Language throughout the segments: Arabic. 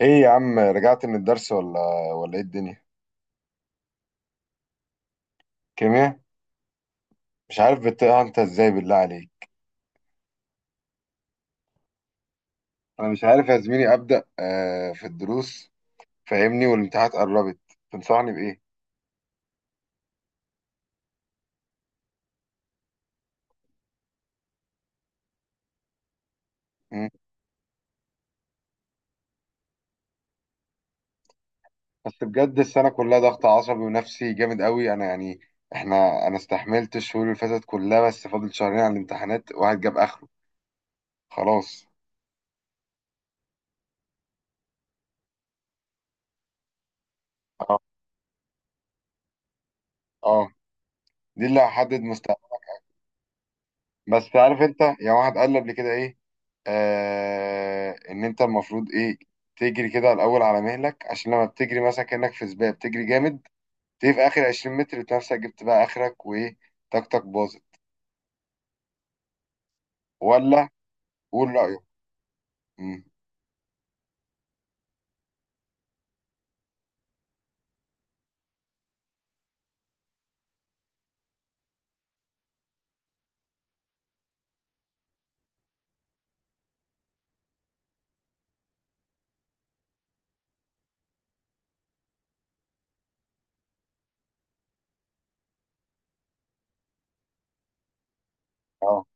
ايه يا عم، رجعت من الدرس ولا ايه الدنيا؟ كيمياء. مش عارف بتقع انت ازاي، بالله عليك. انا مش عارف يا زميلي ابدا، في الدروس فاهمني، والامتحانات قربت. تنصحني بايه؟ مم. بس بجد السنه كلها ضغط عصبي ونفسي جامد قوي، انا يعني انا استحملت الشهور اللي فاتت كلها، بس فاضل شهرين على الامتحانات، واحد جاب اخره. خلاص. اه. آه. دي اللي هحدد. بس عارف انت، يعني واحد قال لي قبل كده ايه، ان انت المفروض ايه، تجري كده الاول على مهلك، عشان لما بتجري مثلا كانك في سباق بتجري جامد، تيجي في اخر 20 متر بتلاقي نفسك جبت بقى اخرك، وايه، طاقتك باظت ولا؟ قول رايك. مم. اه.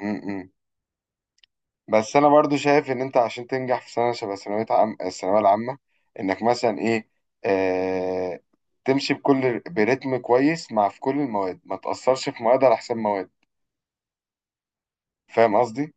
مم. مم. بس انا برضو شايف ان انت عشان تنجح في سنه شبه ثانويه عام، الثانويه العامه، انك مثلا ايه، آه تمشي بكل برتم كويس مع في كل المواد، ما تاثرش في مواد على حساب مواد. فاهم قصدي؟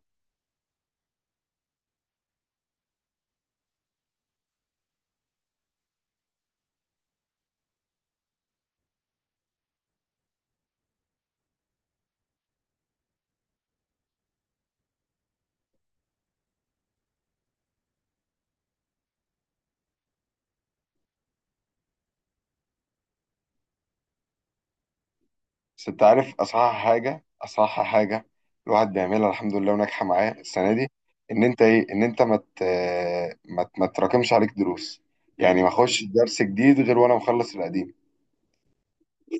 بس انت عارف اصح حاجه، اصح حاجه الواحد بيعملها الحمد لله وناجحه معاه السنه دي، ان انت ايه، ان انت ما تراكمش عليك دروس. يعني ما اخش درس جديد غير وانا مخلص القديم.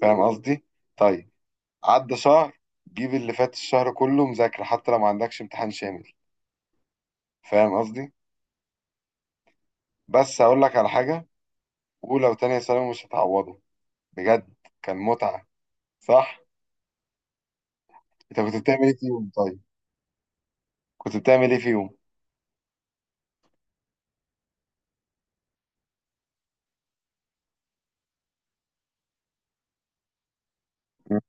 فاهم قصدي؟ طيب. عدى شهر، جيب اللي فات الشهر كله مذاكره حتى لو ما عندكش امتحان شامل. فاهم قصدي؟ بس اقول لك على حاجه، اولى وتانية ثانوي مش هتعوضه بجد. كان متعه، صح؟ انت كنت بتعمل ايه فيهم طيب؟ كنت بتعمل ايه فيهم؟ م-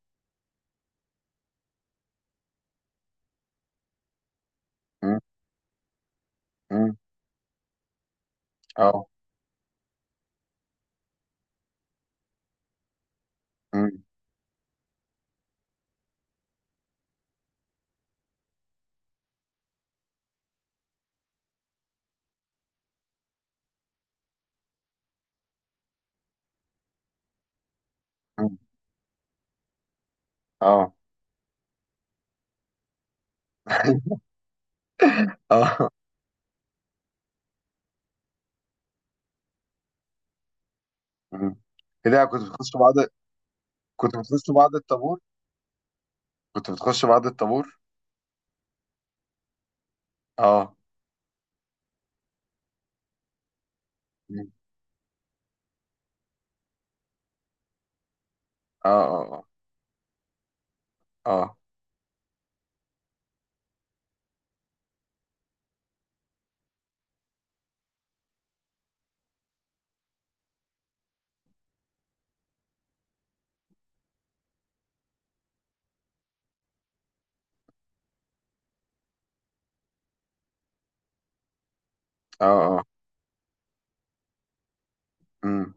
م- م. اه. م. مم. اه. اه. مم. كده كنت بتخش بعض. كنت بتخش بعض الطابور. كنت بتخش بعض الطابور. اه. مم. اه. اه. اه. اه. اه. امم.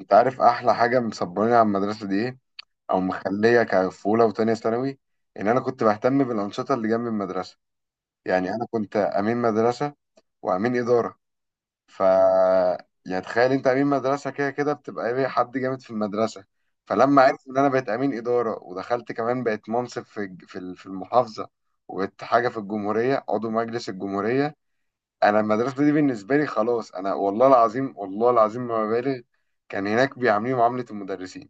انت عارف احلى حاجه مصبراني على المدرسه دي ايه؟ او مخليه كفوله وتانية ثانوي؟ ان انا كنت بهتم بالانشطه اللي جنب المدرسه. يعني انا كنت امين مدرسه، وامين اداره. ف، يعني تخيل انت، امين مدرسه كده كده بتبقى ايه، حد جامد في المدرسه. فلما عرفوا ان انا بقيت امين اداره ودخلت كمان بقيت منصب في المحافظه، وبقيت حاجه في الجمهوريه، عضو مجلس الجمهوريه. انا المدرسه دي بالنسبه لي خلاص، انا والله العظيم، والله العظيم ما ببالغ، كان هناك بيعاملوني معامله المدرسين.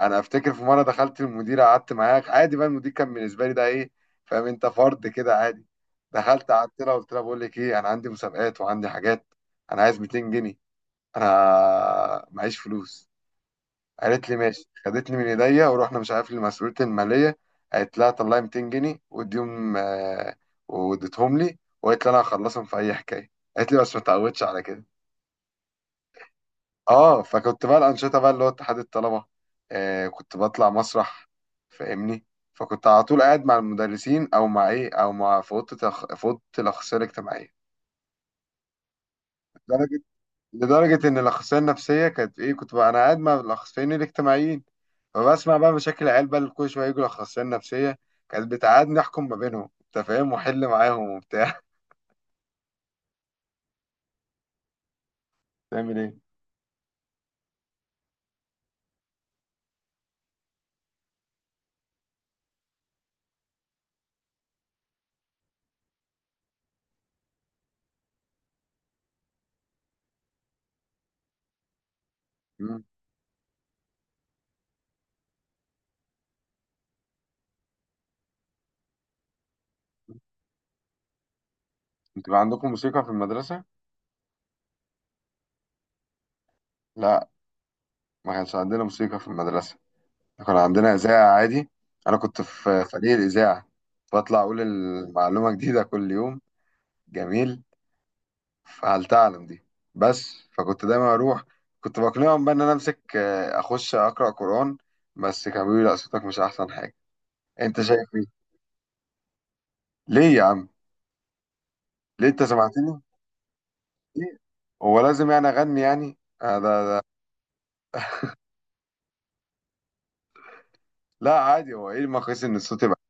انا افتكر في مره دخلت المدير قعدت معاه عادي، بقى المدير كان بالنسبه لي ده ايه، فاهم انت، فرد كده عادي. دخلت قعدت لها قلت لها بقول لك ايه، انا عندي مسابقات وعندي حاجات، انا عايز 200 جنيه، انا معيش فلوس. قالت لي ماشي، خدتني من ايديا ورحنا مش عارف لمسؤوليه الماليه، قالت لها طلعي 200 جنيه واديهم، واديتهم لي، وقالت لي انا هخلصهم في اي حكايه، قالت لي بس ما تعودش على كده. اه. فكنت بقى الانشطه بقى اللي هو اتحاد الطلبه، آه كنت بطلع مسرح، فاهمني. فكنت على طول قاعد مع المدرسين او مع ايه، او مع في في اوضه الاخصائيه الاجتماعيه. لدرجه، لدرجه ان الاخصائيه النفسيه كانت ايه، كنت بقى انا قاعد مع الاخصائيين الاجتماعيين، فبسمع بقى مشاكل العيال بقى اللي كل شويه يجوا الاخصائيه النفسيه، كانت بتقعدني احكم ما بينهم انت فاهم، واحل معاهم وبتاع. تعمل ايه؟ مم. انتوا بقى عندكم موسيقى في المدرسه؟ لا، ما كانش عندنا موسيقى في المدرسه، كان عندنا إذاعة عادي. أنا كنت في فريق الإذاعة، بطلع أقول المعلومة جديدة كل يوم. جميل، فهل تعلم دي. بس فكنت دايما أروح، كنت بقنعهم بقى إن أنا أمسك، أخش أقرأ قرآن، بس كانوا بيقولوا لي لا صوتك مش أحسن حاجة. أنت شايف إيه؟ ليه يا عم؟ ليه أنت سمعتني؟ ليه؟ هو لازم يعني أغني يعني؟ ده. لا عادي، هو إيه المقاييس إن الصوت يبقى.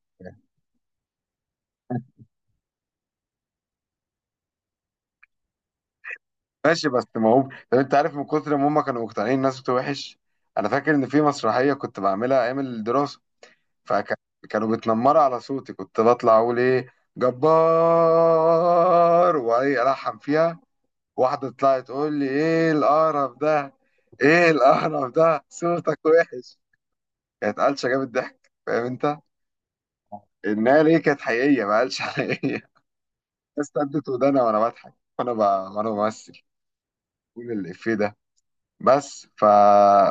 ماشي، بس ما هو، طب انت عارف من كتر ما هم كانوا مقتنعين الناس بتوع وحش، انا فاكر ان في مسرحيه كنت بعملها ايام الدراسه، فكانوا بتنمروا على صوتي، كنت بطلع اقول ايه جبار وايه الحن فيها، واحده طلعت تقول لي ايه القرف ده، ايه القرف ده صوتك وحش. كانت قلشه جابت ضحك، فاهم انت، انها ليه كانت حقيقيه ما قالش حقيقيه. بس سدت ودانا وانا بضحك، وانا بمثل، بقول الافيه ده. بس ف...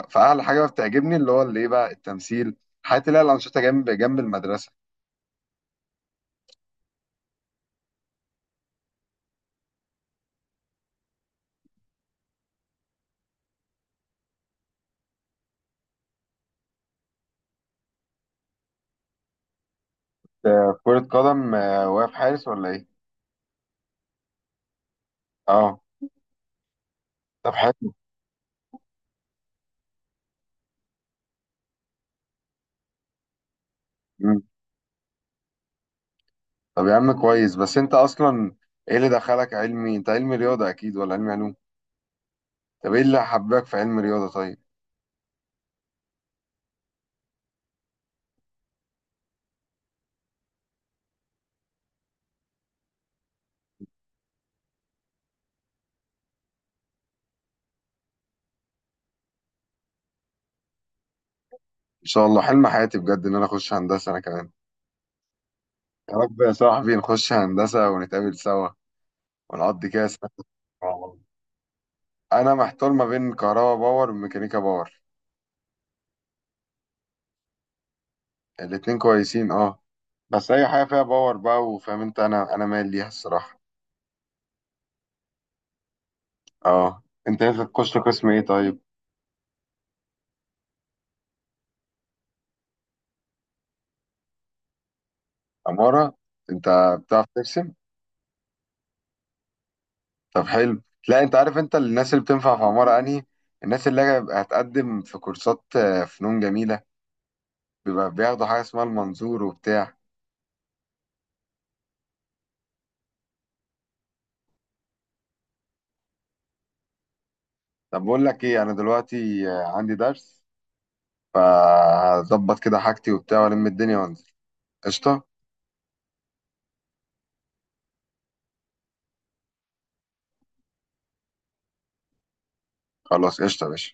فأحلى حاجة بتعجبني اللي هو اللي إيه بقى التمثيل، حياتي اللي هي الأنشطة جنب جنب المدرسة. كرة قدم، واقف حارس ولا إيه؟ أه. طب حلو. مم. طب يا عم كويس، بس أنت أصلا إيه اللي دخلك علمي؟ أنت علمي رياضة أكيد ولا علمي علوم؟ طب إيه اللي حباك في علم رياضة طيب؟ إن شاء الله، حلم حياتي بجد إن أنا أخش هندسة أنا كمان. يا رب يا صاحبي نخش هندسة ونتقابل سوا، ونقضي كده سنة مع بعض. أنا محتار ما بين كهربا باور وميكانيكا باور. الاتنين كويسين أه. بس اي حاجه فيها باور بقى، وفاهم انت، انا مايل ليها الصراحه. اه، انت نفسك تخش قسم ايه طيب؟ عماره. انت بتعرف ترسم؟ طب حلو. لا انت عارف انت الناس اللي بتنفع في عماره انهي؟ الناس اللي هيبقى هتقدم في كورسات، فنون جميله، بيبقى بياخدوا حاجه اسمها المنظور وبتاع. طب بقول لك ايه، انا دلوقتي عندي درس، فهظبط كده حاجتي وبتاع والم الدنيا وانزل. قشطه. خلاص قشطه يا باشا.